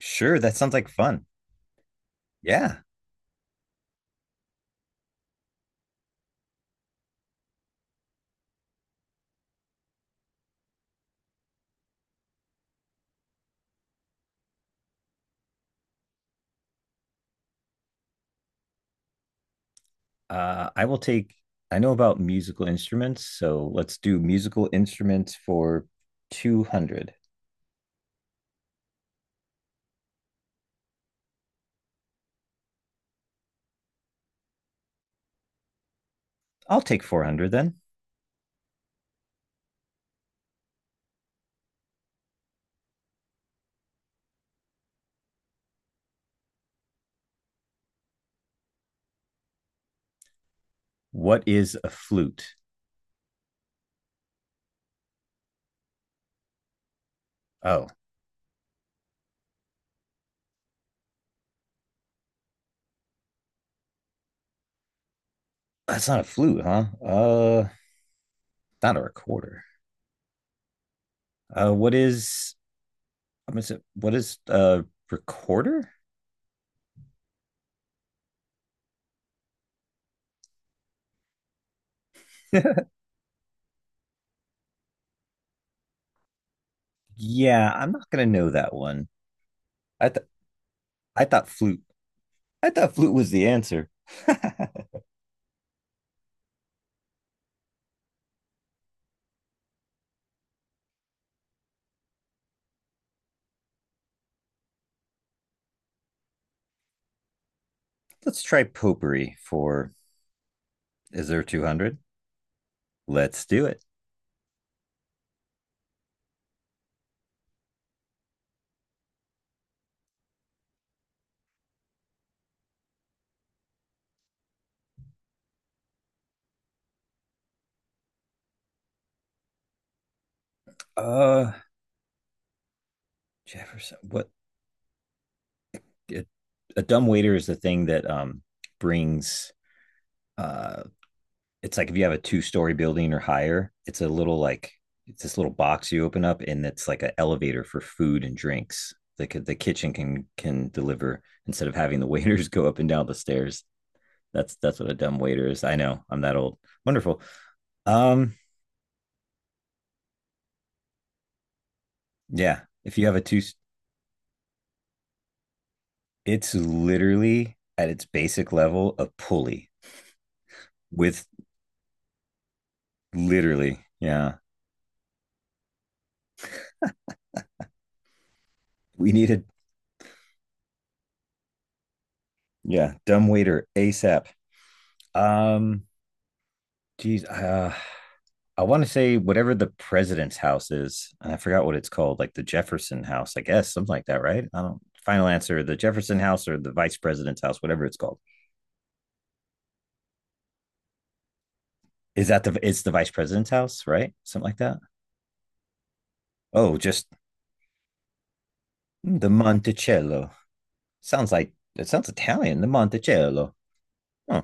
Sure, that sounds like fun. Yeah. I will take, I know about musical instruments, so let's do musical instruments for 200. I'll take 400 then. What is a flute? Oh, that's not a flute, huh? Not a recorder. What is, I'm gonna say, what is a recorder? Yeah, I'm not gonna know that one. I th I thought flute. I thought flute was the answer. Let's try potpourri for, is there 200? Let's do it. Uh, Jefferson. What? It, a dumb waiter is the thing that brings. Uh, it's like if you have a two-story building or higher, it's a little like it's this little box you open up, and it's like an elevator for food and drinks. The kitchen can deliver instead of having the waiters go up and down the stairs. That's what a dumb waiter is. I know. I'm that old. Wonderful. Um, yeah. If you have a two, it's literally at its basic level a pulley with literally. Yeah. We needed, yeah, dumb waiter ASAP. Um, geez, I want to say whatever the president's house is, and I forgot what it's called, like the Jefferson House, I guess, something like that, right? I don't. Final answer: the Jefferson House or the Vice President's house, whatever it's called. Is that the? It's the Vice President's house, right? Something like that. Oh, just the Monticello. Sounds like it sounds Italian. The Monticello. Oh,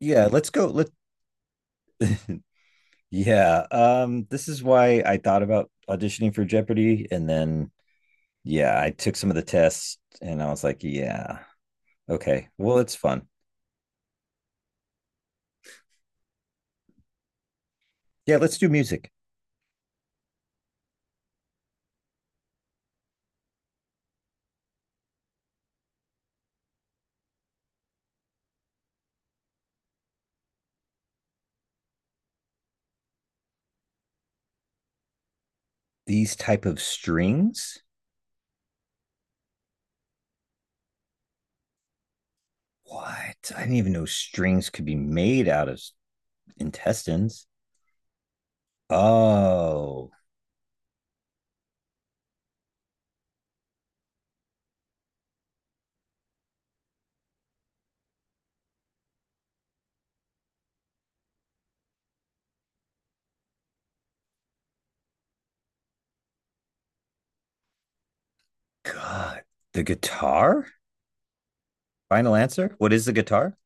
yeah, let's go. Let yeah, this is why I thought about auditioning for Jeopardy, and then yeah, I took some of the tests, and I was like, yeah, okay, well, it's fun. Yeah, let's do music. These type of strings. What? I didn't even know strings could be made out of intestines. Oh God, the guitar. Final answer. What is the guitar?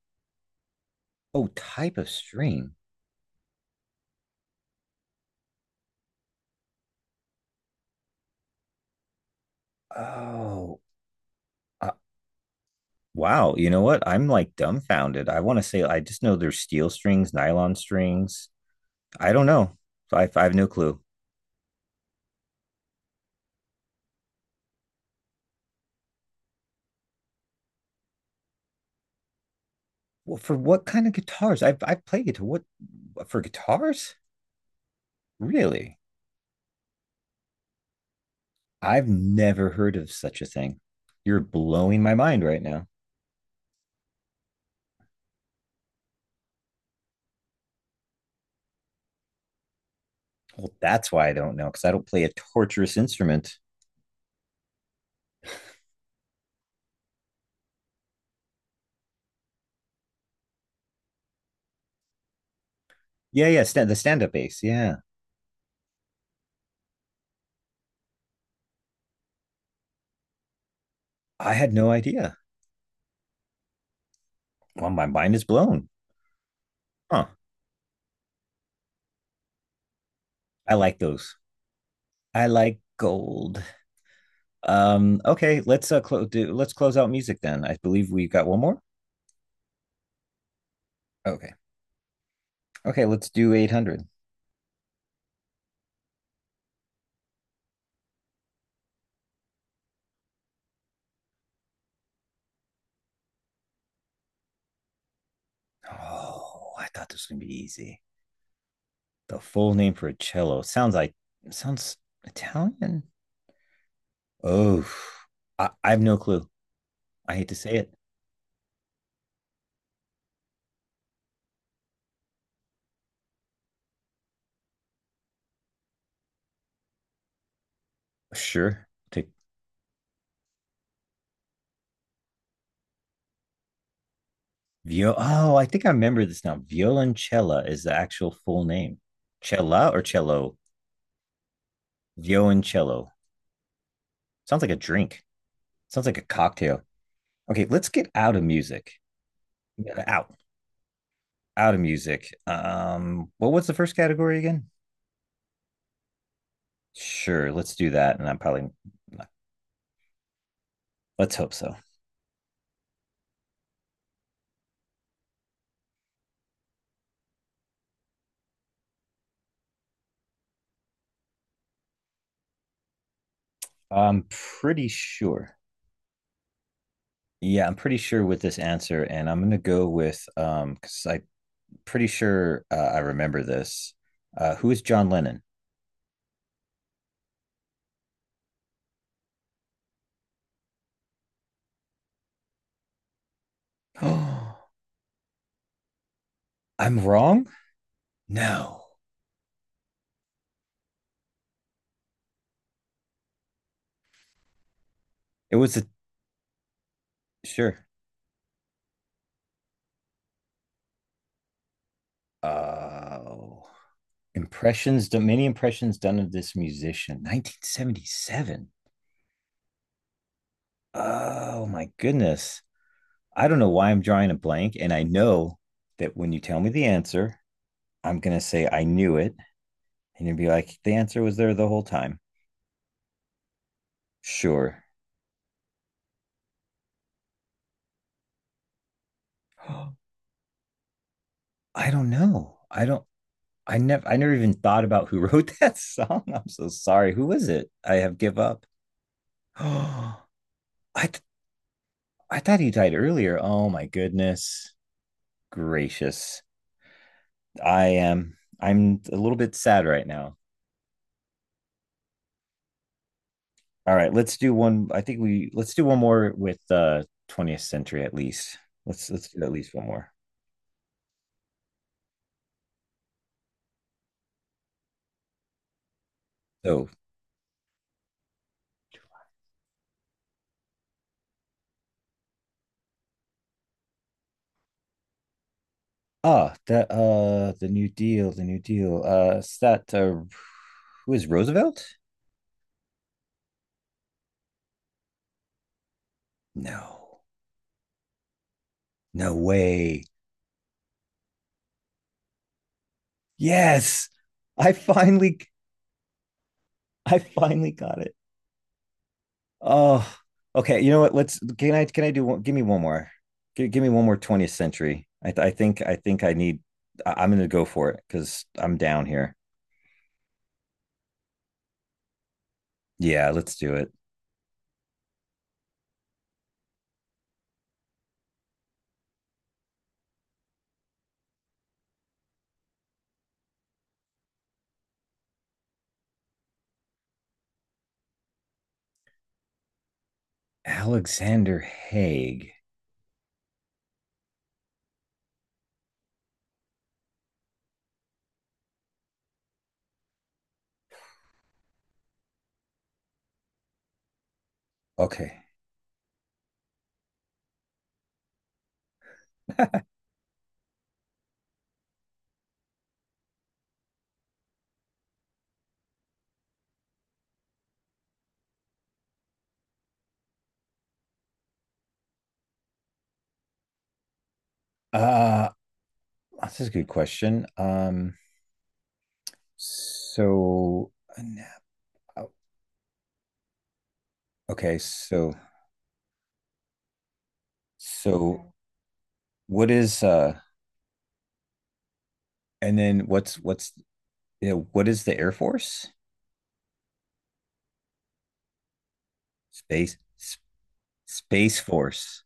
Oh, type of string. Oh, uh, wow, you know what? I'm like dumbfounded. I want to say I just know there's steel strings, nylon strings. I don't know. So, I have no clue. Well, for what kind of guitars? I've played guitar. What for guitars? Really? I've never heard of such a thing. You're blowing my mind right now. Well, that's why I don't know because I don't play a torturous instrument. Yeah, yeah, the stand-up bass. Yeah, I had no idea. Well, my mind is blown. Huh? I like those. I like gold. Okay, let's close do let's close out music then. I believe we've got one more. Okay. Okay, let's do 800. Oh, I thought this was going to be easy. The full name for a cello sounds like sounds Italian. Oh, I have no clue. I hate to say it. Sure. To vio Oh, I think I remember this now. Violoncella is the actual full name. Cella or cello? Violoncello. Sounds like a drink. Sounds like a cocktail. Okay, let's get out of music. Out out of music. Well, what's the first category again? Sure, let's do that. And I'm probably let's hope so. I'm pretty sure. Yeah, I'm pretty sure with this answer, and I'm gonna go with because I'm pretty sure I remember this. Who is John Lennon? Oh, I'm wrong. No, it was a sure. Oh, many impressions done of this musician. 1977. Oh my goodness. I don't know why I'm drawing a blank. And I know that when you tell me the answer, I'm going to say, I knew it. And you will be like, the answer was there the whole time. Sure. I don't know. I never even thought about who wrote that song. I'm so sorry. Who was it? I have give up. I, th- I thought he died earlier. Oh my goodness gracious. I'm a little bit sad right now. All right, let's do one. I think we let's do one more with 20th century at least. Let's do at least one more. So ah that the New Deal, the New Deal. Is that who is Roosevelt? No, no way. Yes, I finally I finally got it. Oh, okay. You know what? Let's can I do one give me one more. Give me one more 20th century. I think I need I'm gonna go for it because I'm down here. Yeah, let's do it. Alexander Haig. Okay. uh that's a good question. So uh, okay, so what is and then what's you know, what is the Air Force? Space S- Space Force.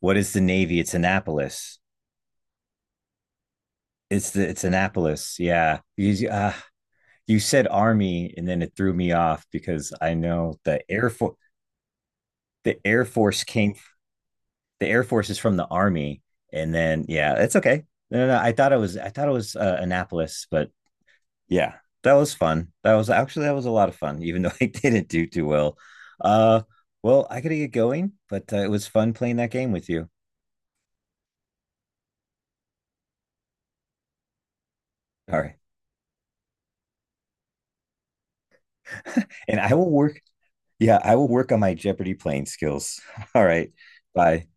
What is the Navy? It's Annapolis. It's the it's Annapolis. Yeah. You, you said Army and then it threw me off because I know the Air Force came the Air Force is from the Army, and then yeah, it's okay. No. I thought it was Annapolis, but yeah, that was fun. That was a lot of fun, even though I didn't do too well. Uh, well, I gotta get going, but it was fun playing that game with you. All right, and I will work. Yeah, I will work on my Jeopardy playing skills. All right, bye.